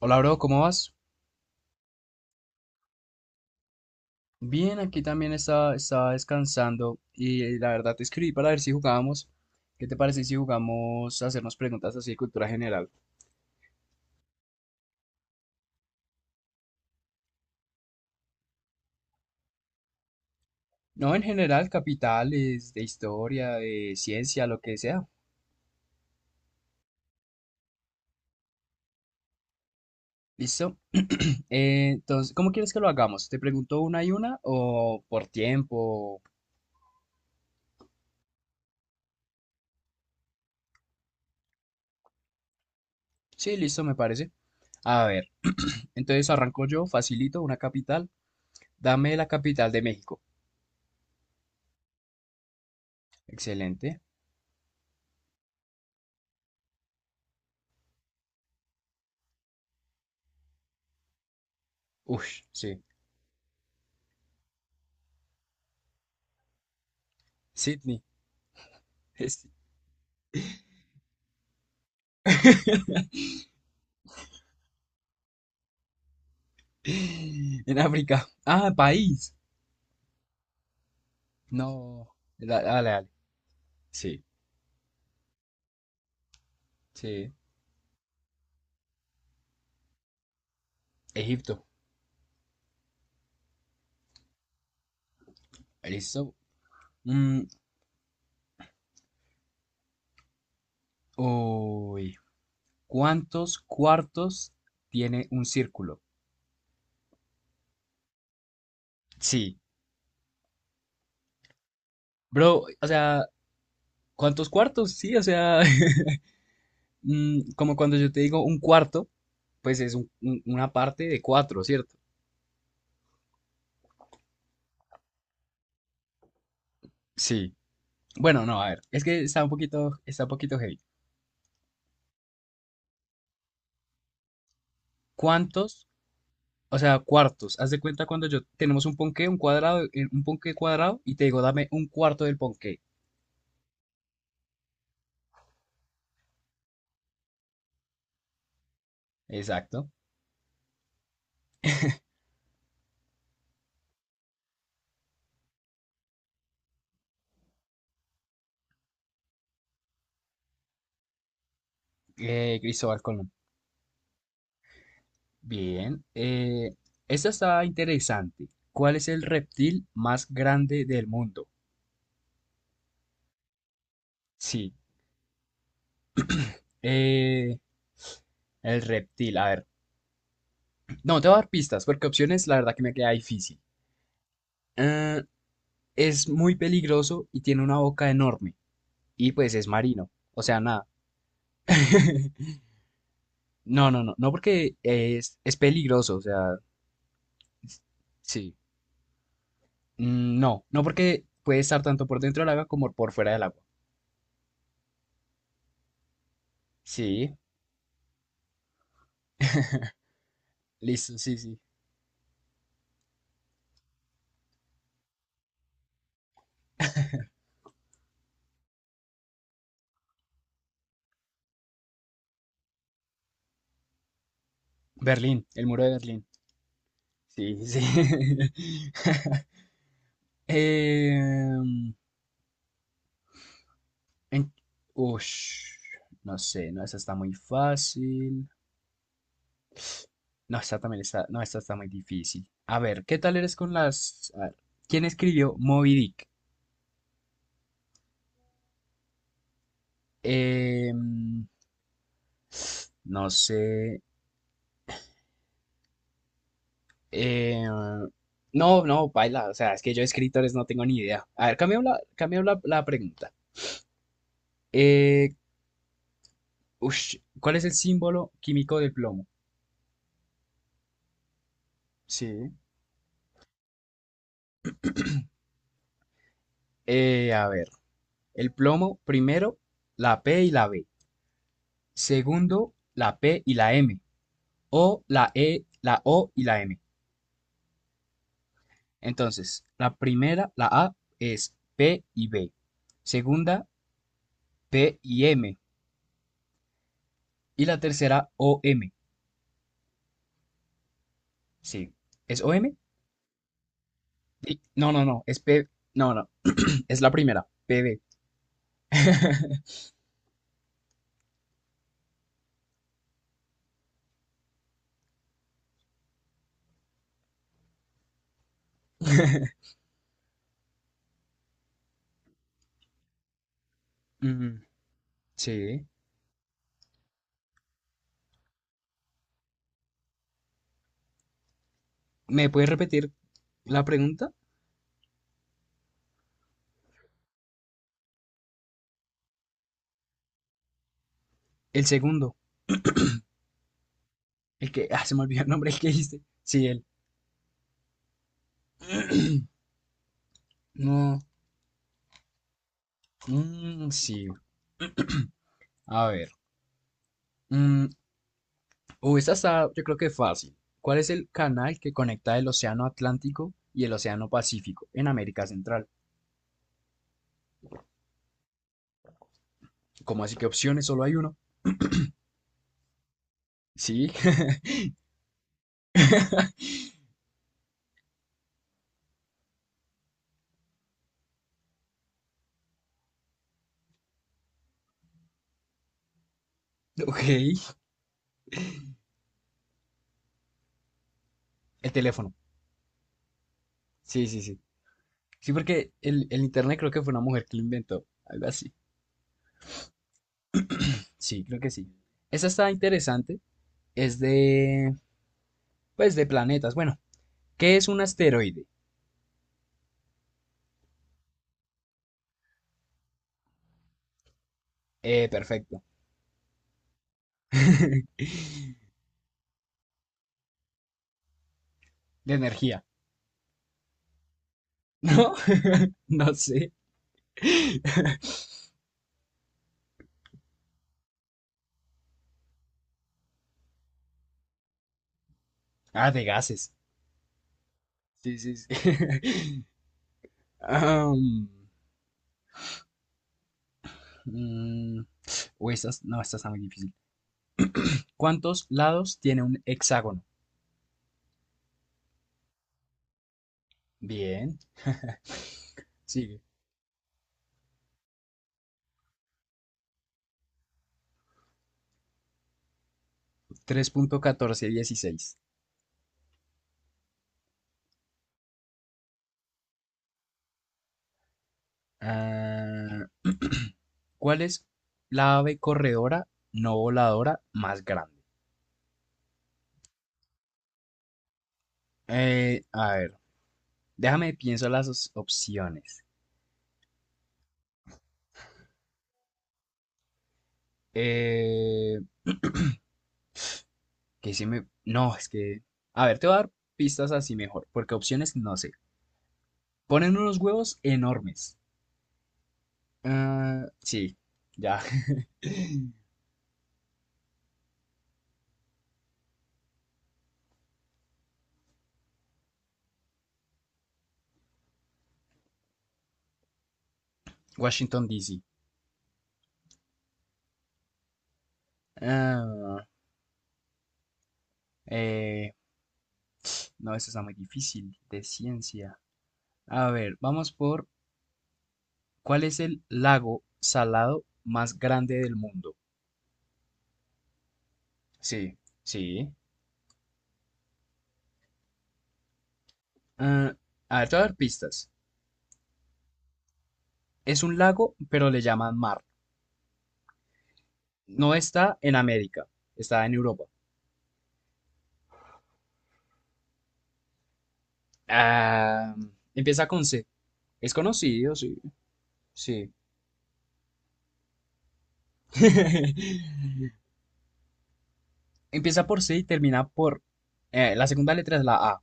Hola, bro, ¿cómo vas? Bien, aquí también estaba descansando y la verdad te escribí para ver si jugábamos. ¿Qué te parece si jugamos a hacernos preguntas así de cultura general? No, en general, capitales, de historia, de ciencia, lo que sea. ¿Listo? Entonces, ¿cómo quieres que lo hagamos? ¿Te pregunto una y una o por tiempo? Sí, listo, me parece. A ver, entonces arranco yo, facilito, una capital. Dame la capital de México. Excelente. Ush, sí. Sydney. Es- En África. Ah, país. No. Dale, dale. Sí, sí. Egipto. Listo. Mm, Uy. ¿Cuántos cuartos tiene un círculo? Sí. Bro, o sea, ¿cuántos cuartos? Sí, o sea, como cuando yo te digo un cuarto, pues es una parte de cuatro, ¿cierto? Sí. Bueno, no, a ver. Es que está un poquito heavy. ¿Cuántos O sea, cuartos. Haz de cuenta cuando yo tenemos un ponqué, un cuadrado, un ponqué cuadrado, y te digo, dame un cuarto del ponqué. Exacto. Cristóbal Colón. Bien. Esta está interesante. ¿Cuál es el reptil más grande del mundo? Sí. eh, el reptil. A ver. No, te voy a dar pistas, porque opciones, la verdad que me queda difícil. Eh, es muy peligroso y tiene una boca enorme. Y pues es marino. O sea, nada. No, no, no, no porque es peligroso, o sea, es- sí. Mm, no, no porque puede estar tanto por dentro del agua como por fuera del agua. Sí, listo, sí, sí. Berlín, el muro de Berlín. Sí, sí. Em, en- Ush, no sé, no, esa está muy fácil. No, esta también está, no, esta está muy difícil. A ver, ¿qué tal eres con las... a ver, ¿quién escribió Moby Dick? Em, no sé. Eh, no, no, baila. O sea, es que yo de escritores no tengo ni idea. A ver, cambiemos la pregunta. Eh, Ush, ¿cuál es el símbolo químico del plomo? Sí. A ver, el plomo, primero, la P y la B. Segundo, la P y la M. O la E, la O y la M. Entonces, la primera, la A, es P y B. Segunda, P y M. Y la tercera, O M. Sí. ¿Es O M. No, no, no, es P. No, no, es la primera, PB. Mm, sí. ¿Me puedes repetir la pregunta? El segundo, el que... Ah, se me olvidó el nombre, el que dijiste. Sí, él. No. Mm, sí, a ver. Mm, Esta está, yo creo que fácil. ¿Cuál es el canal que conecta el Océano Atlántico y el Océano Pacífico en América Central? ¿Cómo así que opciones? Solo hay uno. Sí. Ok. El teléfono. Sí, sí, sí. Sí, porque el internet creo que fue una mujer que lo inventó, algo así. Sí, creo que sí. Esa está interesante, es de, pues, de planetas. Bueno, ¿qué es un asteroide? Perfecto. De energía. No, no sé. Ah, de gases. Sí, sí, sí. Um, mm, Uy, estas, no, esta está muy difícil. ¿Cuántos lados tiene un hexágono? Bien. Sigue. 3,1416. Ah, ¿cuál es la ave corredora no voladora más grande? A ver, déjame pienso las opciones. Eh, que si me... No, es que... A ver, te voy a dar pistas así mejor, porque opciones no sé. Ponen unos huevos enormes. Ah, sí, ya. Washington, D.C. Ah, eh, no, esto está muy difícil de ciencia. A ver, vamos por, ¿cuál es el lago salado más grande del mundo? Sí, sí. Ah, a ver, te voy a dar pistas. Es un lago, pero le llaman mar. No está en América, está en Europa. Ah, empieza con C. Es conocido, sí, sí. Empieza por C y termina por... la segunda letra es la A.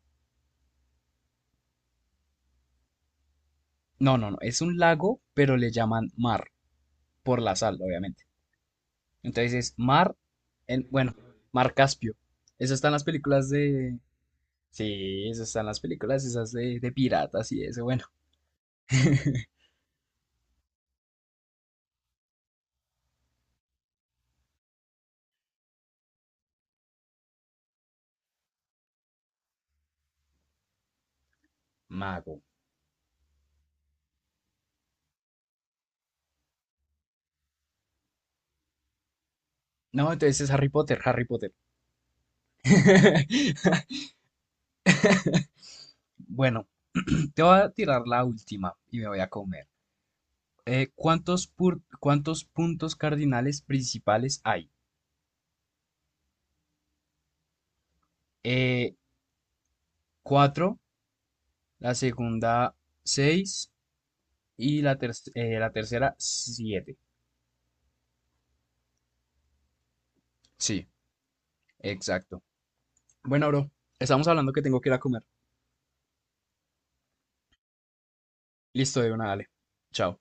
No, no, no. Es un lago, pero le llaman mar, por la sal, obviamente. Entonces es mar, en, bueno, mar Caspio. Eso está en las películas de... Sí, eso está en las películas esas de, piratas y eso, bueno. Mago. No, entonces es Harry Potter, Harry Potter. Bueno, te voy a tirar la última y me voy a comer. ¿Cuántos puntos cardinales principales hay? Eh, Cuatro, la segunda seis y la tercera siete. Sí, exacto. Bueno, bro, estamos hablando que tengo que ir a comer. Listo, de una, dale. Chao.